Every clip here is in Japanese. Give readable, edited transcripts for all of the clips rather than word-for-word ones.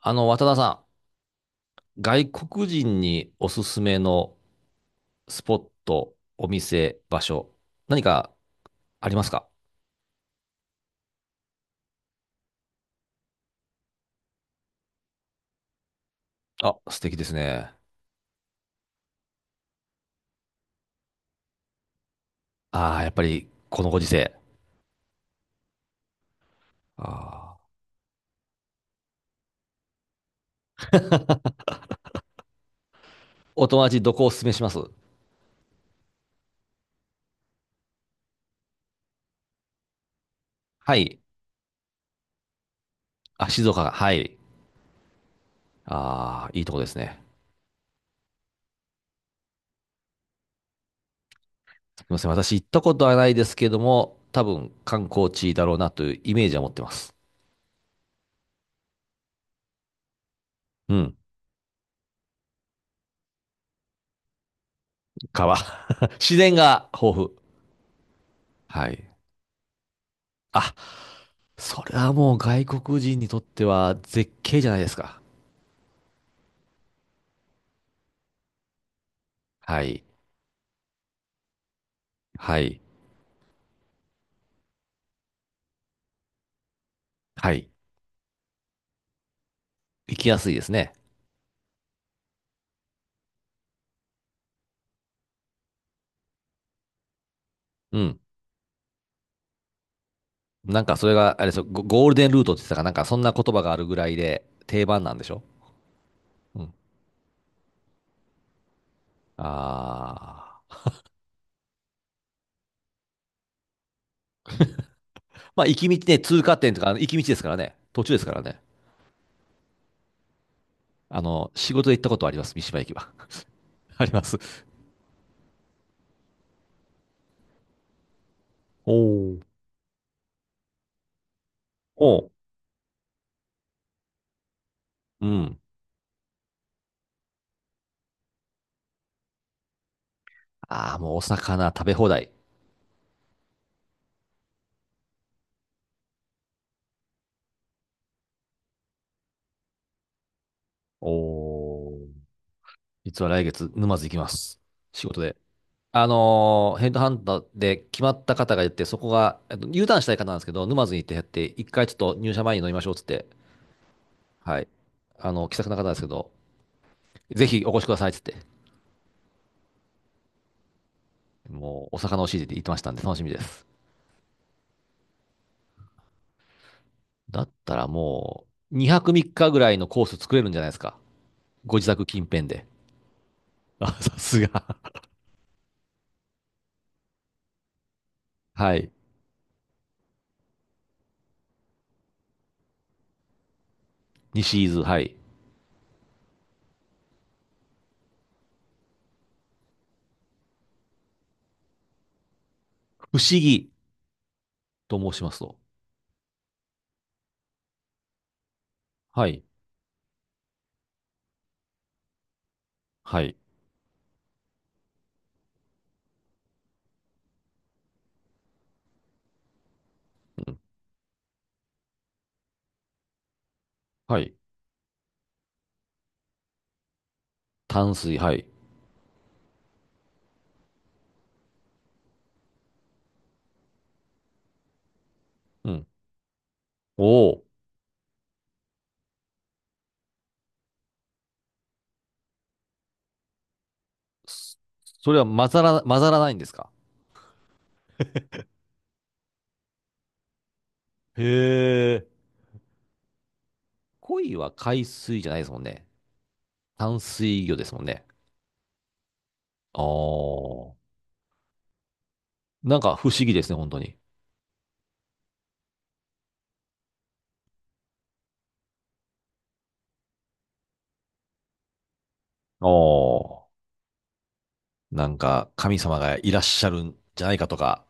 渡田さん、外国人におすすめのスポット、お店、場所、何かありますか？あ、素敵ですね。ああ、やっぱりこのご時世。あー。お友達どこをおすすめします？はい。あ、静岡が。はい。ああ、いいとこですね。すみません。私行ったことはないですけども、多分観光地だろうなというイメージは持ってます。うん。川。自然が豊富。はい。あ、それはもう外国人にとっては絶景じゃないですか。はい。はい。はい。行きやすいですね。うん。なんかそれが、あれですよ、ゴールデンルートって言ってたかなんかそんな言葉があるぐらいで定番なんでしょ？うん。ああ。まあ、行き道ね、通過点とか、行き道ですからね。途中ですからね。仕事で行ったことあります。三島駅は。あります。おーおう。うん。ああ、もうお魚食べ放題。おお。実は来月、沼津行きます。仕事で。ヘッドハンターで決まった方がいて、そこが、Uターンしたい方なんですけど、沼津に行ってやって、一回ちょっと入社前に飲みましょうっつって、はい。気さくな方なんですけど、ぜひお越しくださいっつって、もう、お魚をしいて言ってましたんで、楽しみです。だったらもう、2泊3日ぐらいのコース作れるんじゃないですか。ご自宅近辺で。あ、さすが。はい。西伊豆、はい。不思議と申しますと？はい。はい。うん。はい。淡水、はい。うん。おお。そそれは混ざらないんですか？へえ。鯉は海水じゃないですもんね。淡水魚ですもんね。ああ。なんか不思議ですね、本当に。ああ。なんか神様がいらっしゃるんじゃないかとか、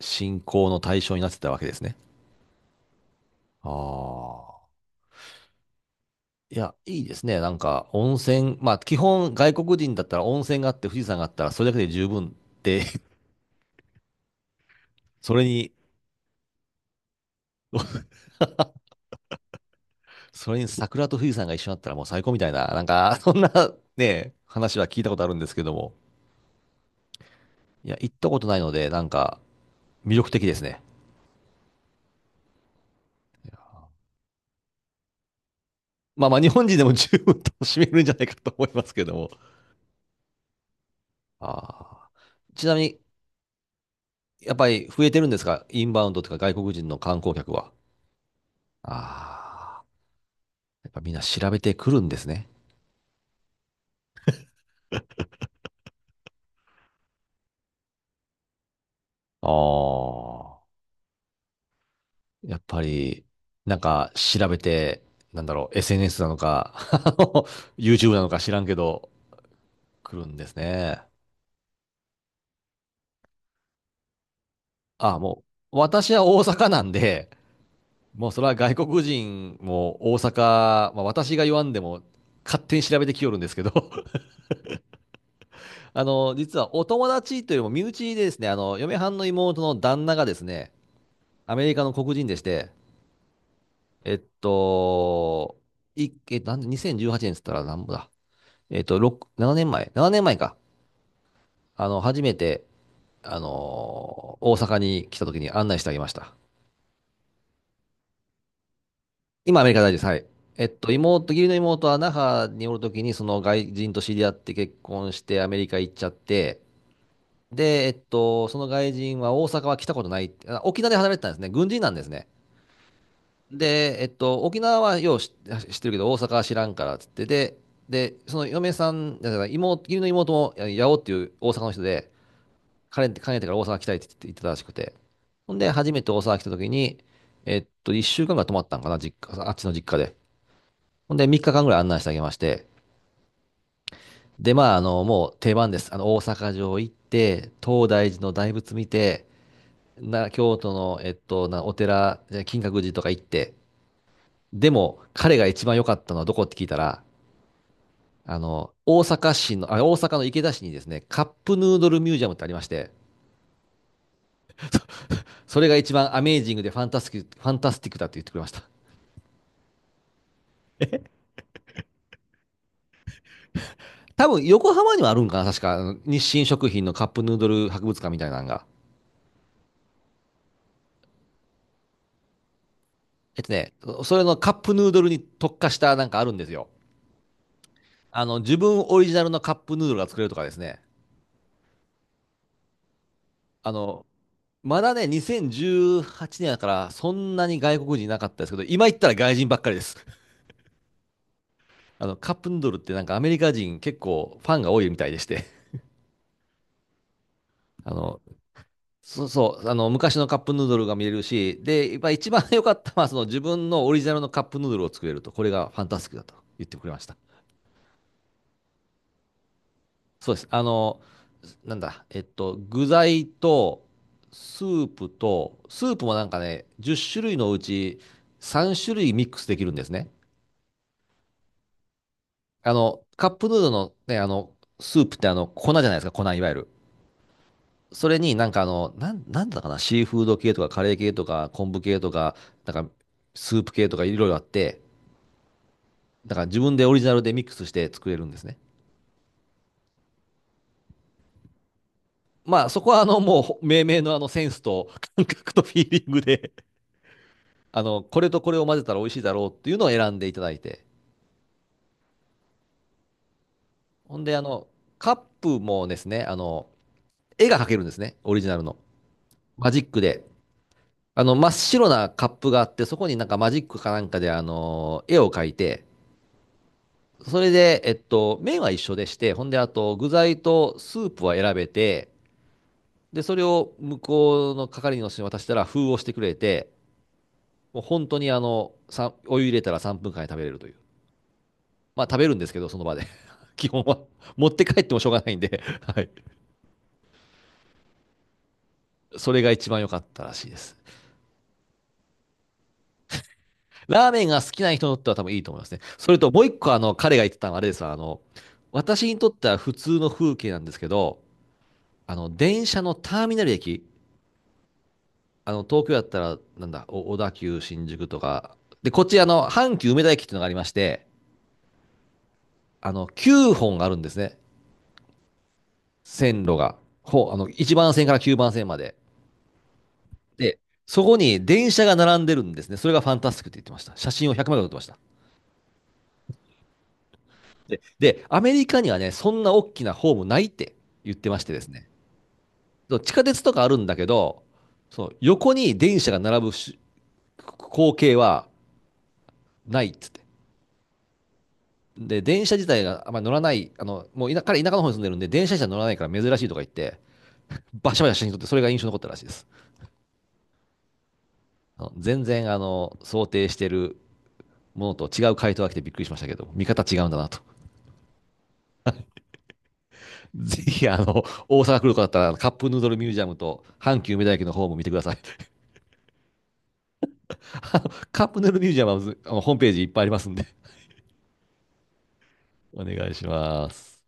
信仰の対象になってたわけですね。ああ。いや、いいですね。なんか温泉、まあ基本外国人だったら温泉があって富士山があったらそれだけで十分って、それにそれに桜と富士山が一緒だったらもう最高みたいな、なんか、そんなね、話は聞いたことあるんですけども。いや、行ったことないので、なんか、魅力的ですね。まあまあ、日本人でも十分楽しめるんじゃないかと思いますけども。あー。ちなみに、やっぱり増えてるんですかインバウンドとか外国人の観光客は？ああ。やっぱみんな調べてくるんですね。ああ。やっぱり、なんか調べて、なんだろう、SNS なのか、YouTube なのか知らんけど、来るんですね。あ、もう、私は大阪なんで、もうそれは外国人も大阪、まあ、私が言わんでも勝手に調べてきよるんですけど、実はお友達というよりも身内でですね、嫁はんの妹の旦那がですね、アメリカの黒人でして、えっと、なんで、2018年っつったらなんぼだ。6、7年前、7年前か。初めて、大阪に来た時に案内してあげました。今、アメリカ大事です。はい。妹、義理の妹は那覇におるときに、その外人と知り合って結婚してアメリカ行っちゃって、で、その外人は大阪は来たことないって、あ、沖縄で働いてたんですね。軍人なんですね。で、沖縄はよう知ってるけど、大阪は知らんからっつって、で、で、その嫁さん、だから妹、義理の妹も、八尾っていう大阪の人で、彼ってから大阪来たいって言ってたらしくて、ほんで、初めて大阪来たときに、1週間ぐらい泊まったんかな、実家、あっちの実家で。ほんで、3日間ぐらい案内してあげまして、で、まあ、もう定番です。大阪城行って、東大寺の大仏見て、京都の、お寺、金閣寺とか行って、でも、彼が一番良かったのはどこって聞いたら、大阪の池田市にですね、カップヌードルミュージアムってありまして、それが一番アメージングでファンタスティック、ファンタスティックだって言ってくれました。多分、横浜にもあるんかな、確か。日清食品のカップヌードル博物館みたいなのが。えっとね、それのカップヌードルに特化したなんかあるんですよ。自分オリジナルのカップヌードルが作れるとかですね。あの、まだね、2018年だからそんなに外国人いなかったですけど、今行ったら外人ばっかりです。カップヌードルってなんかアメリカ人結構ファンが多いみたいでして。あの、そうそう、昔のカップヌードルが見れるし、で、やっぱ一番良かったのはその自分のオリジナルのカップヌードルを作れると、これがファンタスティックだと言ってくれました。そうです。なんだ、具材と、スープもなんかね、10種類のうち3種類ミックスできるんですね。カップヌードルのね、スープって粉じゃないですか、粉、いわゆる。それになんかなんだかな、シーフード系とかカレー系とか昆布系とか、なんかスープ系とかいろいろあって、だから自分でオリジナルでミックスして作れるんですね。まあそこはもう命名のセンスと感覚とフィーリングでこれとこれを混ぜたら美味しいだろうっていうのを選んでいただいて。ほんで、カップもですね、絵が描けるんですね、オリジナルの。マジックで。真っ白なカップがあって、そこになんかマジックかなんかで、絵を描いて、それで、麺は一緒でして、ほんで、あと、具材とスープは選べて、で、それを向こうの係の人に渡したら、封をしてくれて、もう本当にお湯入れたら3分間で食べれるという。まあ食べるんですけど、その場で 基本は 持って帰ってもしょうがないんで、はい。それが一番良かったらしいです。ラーメンが好きな人にとっては多分いいと思いますね。それともう一個、彼が言ってたのはあれですわ。私にとっては普通の風景なんですけど、電車のターミナル駅、東京だったら、なんだ、小田急新宿とか、で、こっち、阪急梅田駅っていうのがありまして、9本あるんですね。線路が。ほう、1番線から9番線まで。で、そこに電車が並んでるんですね。それがファンタスティックって言ってました。写真を100枚撮ってました。でアメリカにはね、そんな大きなホームないって言ってましてですね。地下鉄とかあるんだけど、その横に電車が並ぶし光景はないっつって。で、電車自体があんまり乗らない、もう田舎の方に住んでるんで、電車自体乗らないから珍しいとか言って、バシャバシャ写真撮って、それが印象に残ったらしいです。全然、想定してるものと違う回答が来てびっくりしましたけど、見方違うんだなと。ぜひ、大阪来る方だったら、カップヌードルミュージアムと、阪急梅田駅の方も見てください。カップヌードルミュージアムは、ホームページいっぱいありますんで、お願いします。